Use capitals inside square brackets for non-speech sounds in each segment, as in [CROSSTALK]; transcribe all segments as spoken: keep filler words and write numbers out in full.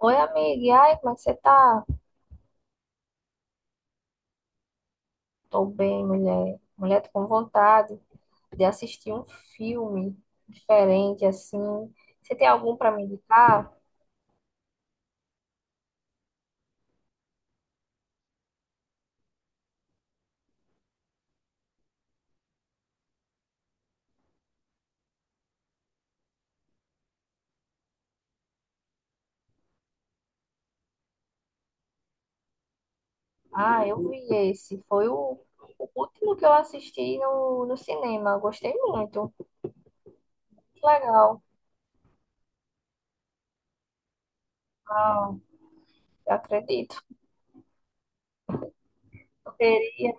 Oi, amiga. E aí, como é que você tá? Tô bem, mulher. Mulher, tô com vontade de assistir um filme diferente, assim. Você tem algum pra me indicar? Ah, eu vi esse. Foi o, o último que eu assisti no, no cinema. Gostei muito. Que legal. Ah, eu acredito. Eu queria.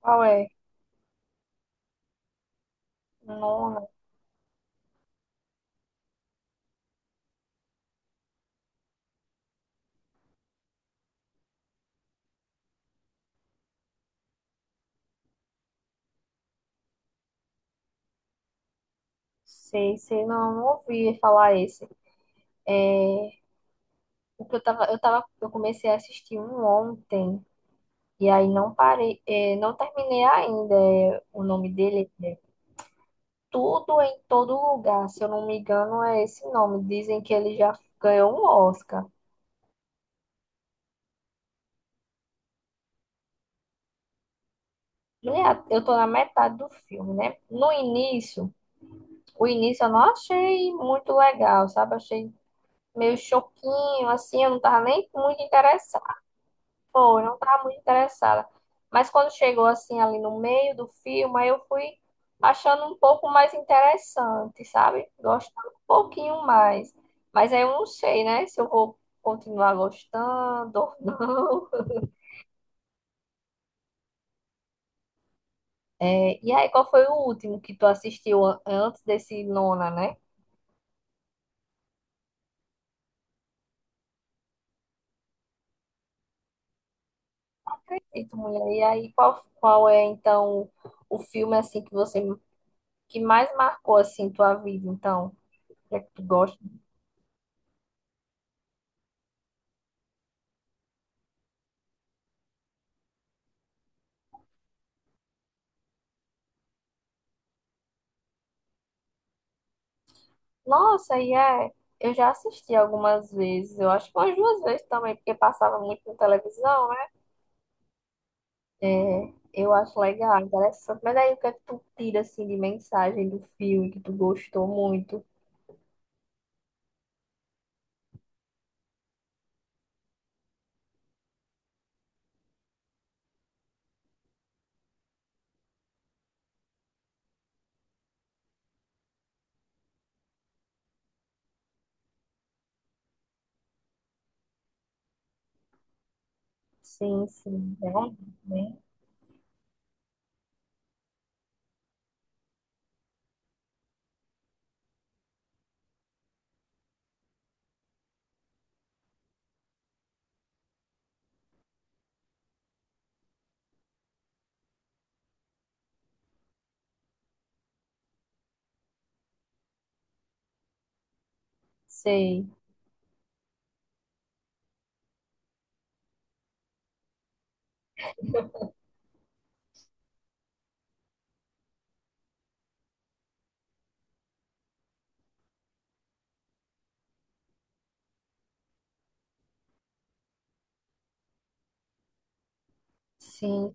Qual é? Não, não sei, sei. Não, não ouvi falar esse. O que eu tava, eu tava, eu comecei a assistir um ontem. E aí não parei, eh, não terminei ainda. eh, O nome dele é Tudo em Todo Lugar, se eu não me engano, é esse nome. Dizem que ele já ganhou um Oscar. Mulher, eu tô na metade do filme, né? No início, o início eu não achei muito legal, sabe? Achei meio choquinho, assim, eu não tava nem muito interessada. Pô, eu não estava muito interessada. Mas quando chegou assim ali no meio do filme, aí eu fui achando um pouco mais interessante, sabe? Gostando um pouquinho mais. Mas aí eu não sei, né? Se eu vou continuar gostando ou não. [LAUGHS] É, e aí, qual foi o último que tu assistiu an- antes desse Nona, né? E tu, mulher, e aí qual, qual é então o filme assim que você que mais marcou assim tua vida, então? O que é que tu gosta? Nossa, e é. Eu já assisti algumas vezes, eu acho que umas duas vezes também, porque passava muito na televisão, né? É, eu acho legal, interessante. Mas aí o que é que tu tira assim de mensagem do filme que tu gostou muito? Sim, sim, realmente, né? Sei, sim.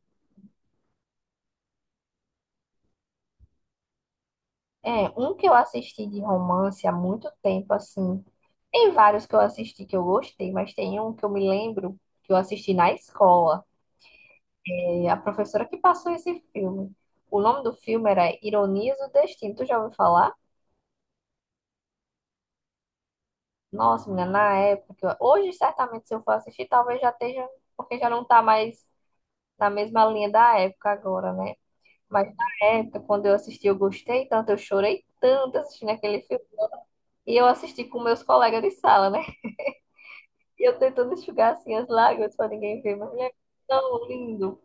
É, um que eu assisti de romance há muito tempo, assim. Tem vários que eu assisti que eu gostei, mas tem um que eu me lembro que eu assisti na escola. A professora que passou esse filme. O nome do filme era Ironias do Destino. Tu já ouviu falar? Nossa, menina, na época. Hoje, certamente, se eu for assistir, talvez já esteja, porque já não tá mais na mesma linha da época agora, né? Mas na época, quando eu assisti, eu gostei tanto, eu chorei tanto assistindo aquele filme. E eu assisti com meus colegas de sala, né? E eu tentando enxugar assim as lágrimas para ninguém ver, mas é tão lindo.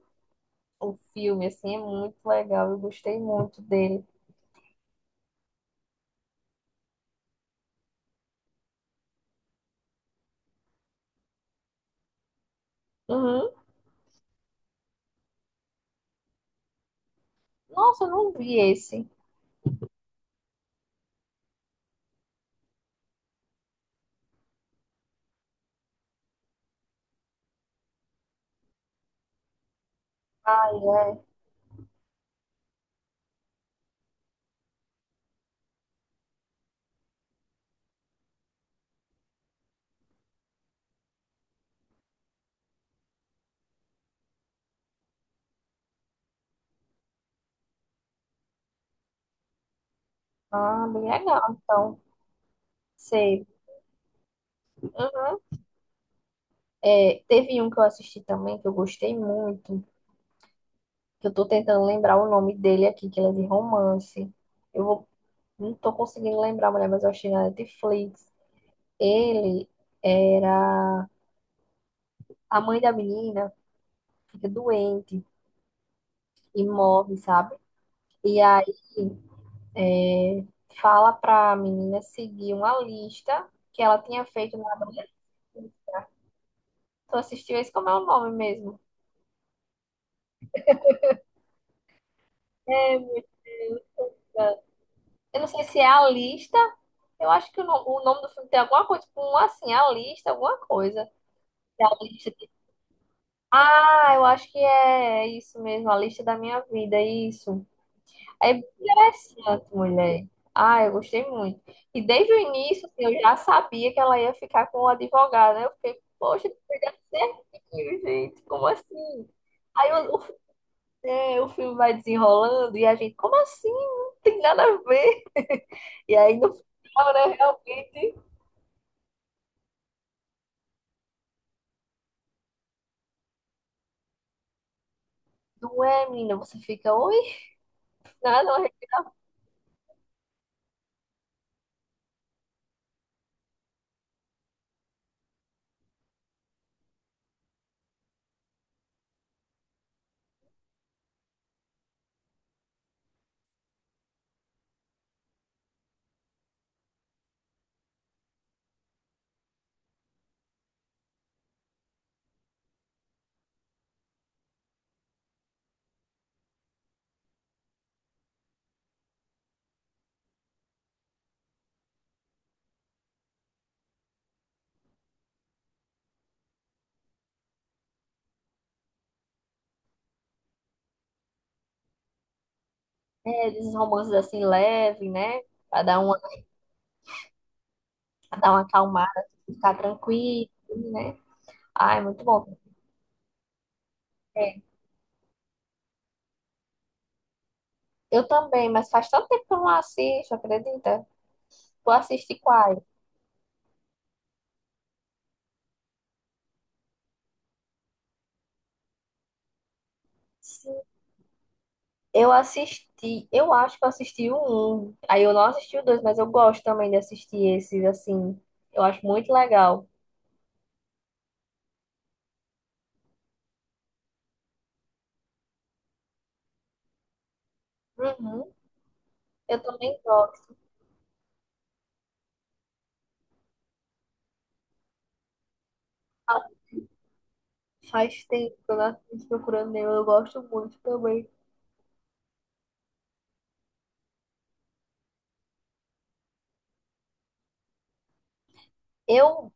O filme, assim, é muito legal. Eu gostei muito dele. Uhum. Nossa, eu não vi esse. Ah, bem legal. Então, sei. É, teve um que eu assisti também que eu gostei muito, que eu tô tentando lembrar o nome dele aqui, que ele é de romance. Eu vou, não tô conseguindo lembrar, mulher, mas eu achei na Netflix. Ele era a mãe da menina, fica doente e morre, sabe? E aí fala pra menina seguir uma lista que ela tinha feito na adolescência. Tu assistiu esse? Como é o nome mesmo? É, eu não sei se é a lista. Eu acho que o, no- o nome do filme tem alguma coisa, tipo, um, assim, a lista, alguma coisa. É A lista de- ah, eu acho que é isso mesmo, a lista da minha vida, isso. É bem interessante, mulher. Ah, eu gostei muito. E desde o início, assim, eu já sabia que ela ia ficar com o advogado, né? Eu fiquei, poxa, pegar certinho, gente, como assim? Aí o, o fi- é, o filme vai desenrolando e a gente, como assim? Não tem nada a ver. E aí no final, né, realmente, não é, menina, você fica, oi? Nada horrível. É, esses romances assim leve, né? Pra dar uma, pra dar uma acalmada, ficar tranquilo, né? Ai, muito bom. É. Eu também, mas faz tanto tempo que eu não assisto, acredita? Tu assiste quais? Sim. Eu assisti, eu acho que eu assisti o um. Aí eu não assisti o dois, mas eu gosto também de assistir esses, assim. Eu acho muito legal. Uhum. Eu também gosto. Ah, faz tempo que eu não assisto Procurando Nemo, eu gosto muito também. Eu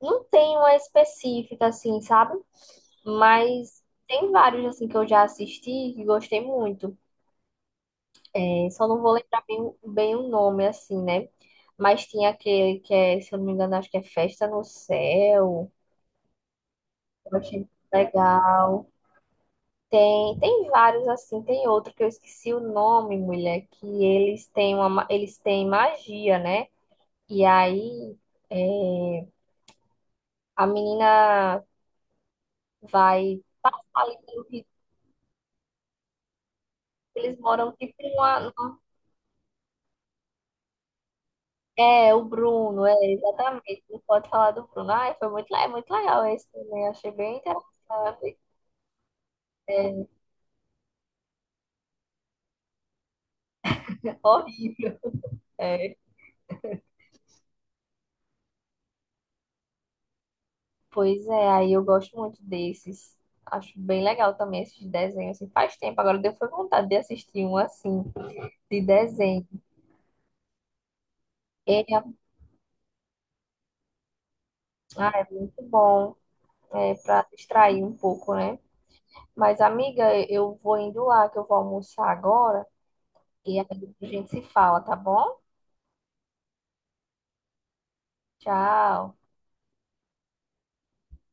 não tem uma específica, assim, sabe? Mas tem vários, assim, que eu já assisti e gostei muito. É, só não vou lembrar bem, o- bem o nome, assim, né? Mas tinha aquele que é, se eu não me engano, acho que é Festa no Céu. Eu achei legal. Tem, tem vários, assim. Tem outro que eu esqueci o nome, mulher, que eles têm uma, ma- eles têm magia, né? E aí, é, a menina vai ali pelo rio, eles moram tipo numa, é, o Bruno, é, exatamente. Não pode falar do Bruno. Ai, foi muito, le- é muito legal esse também. Achei bem interessante. É horrível. [LAUGHS] É. Pois é, aí eu gosto muito desses. Acho bem legal também esses desenhos. Assim, faz tempo, agora deu foi vontade de assistir um assim, de desenho. É, ah, é muito bom, é, para distrair um pouco, né? Mas, amiga, eu vou indo lá, que eu vou almoçar agora. E aí a gente se fala, tá bom? Tchau.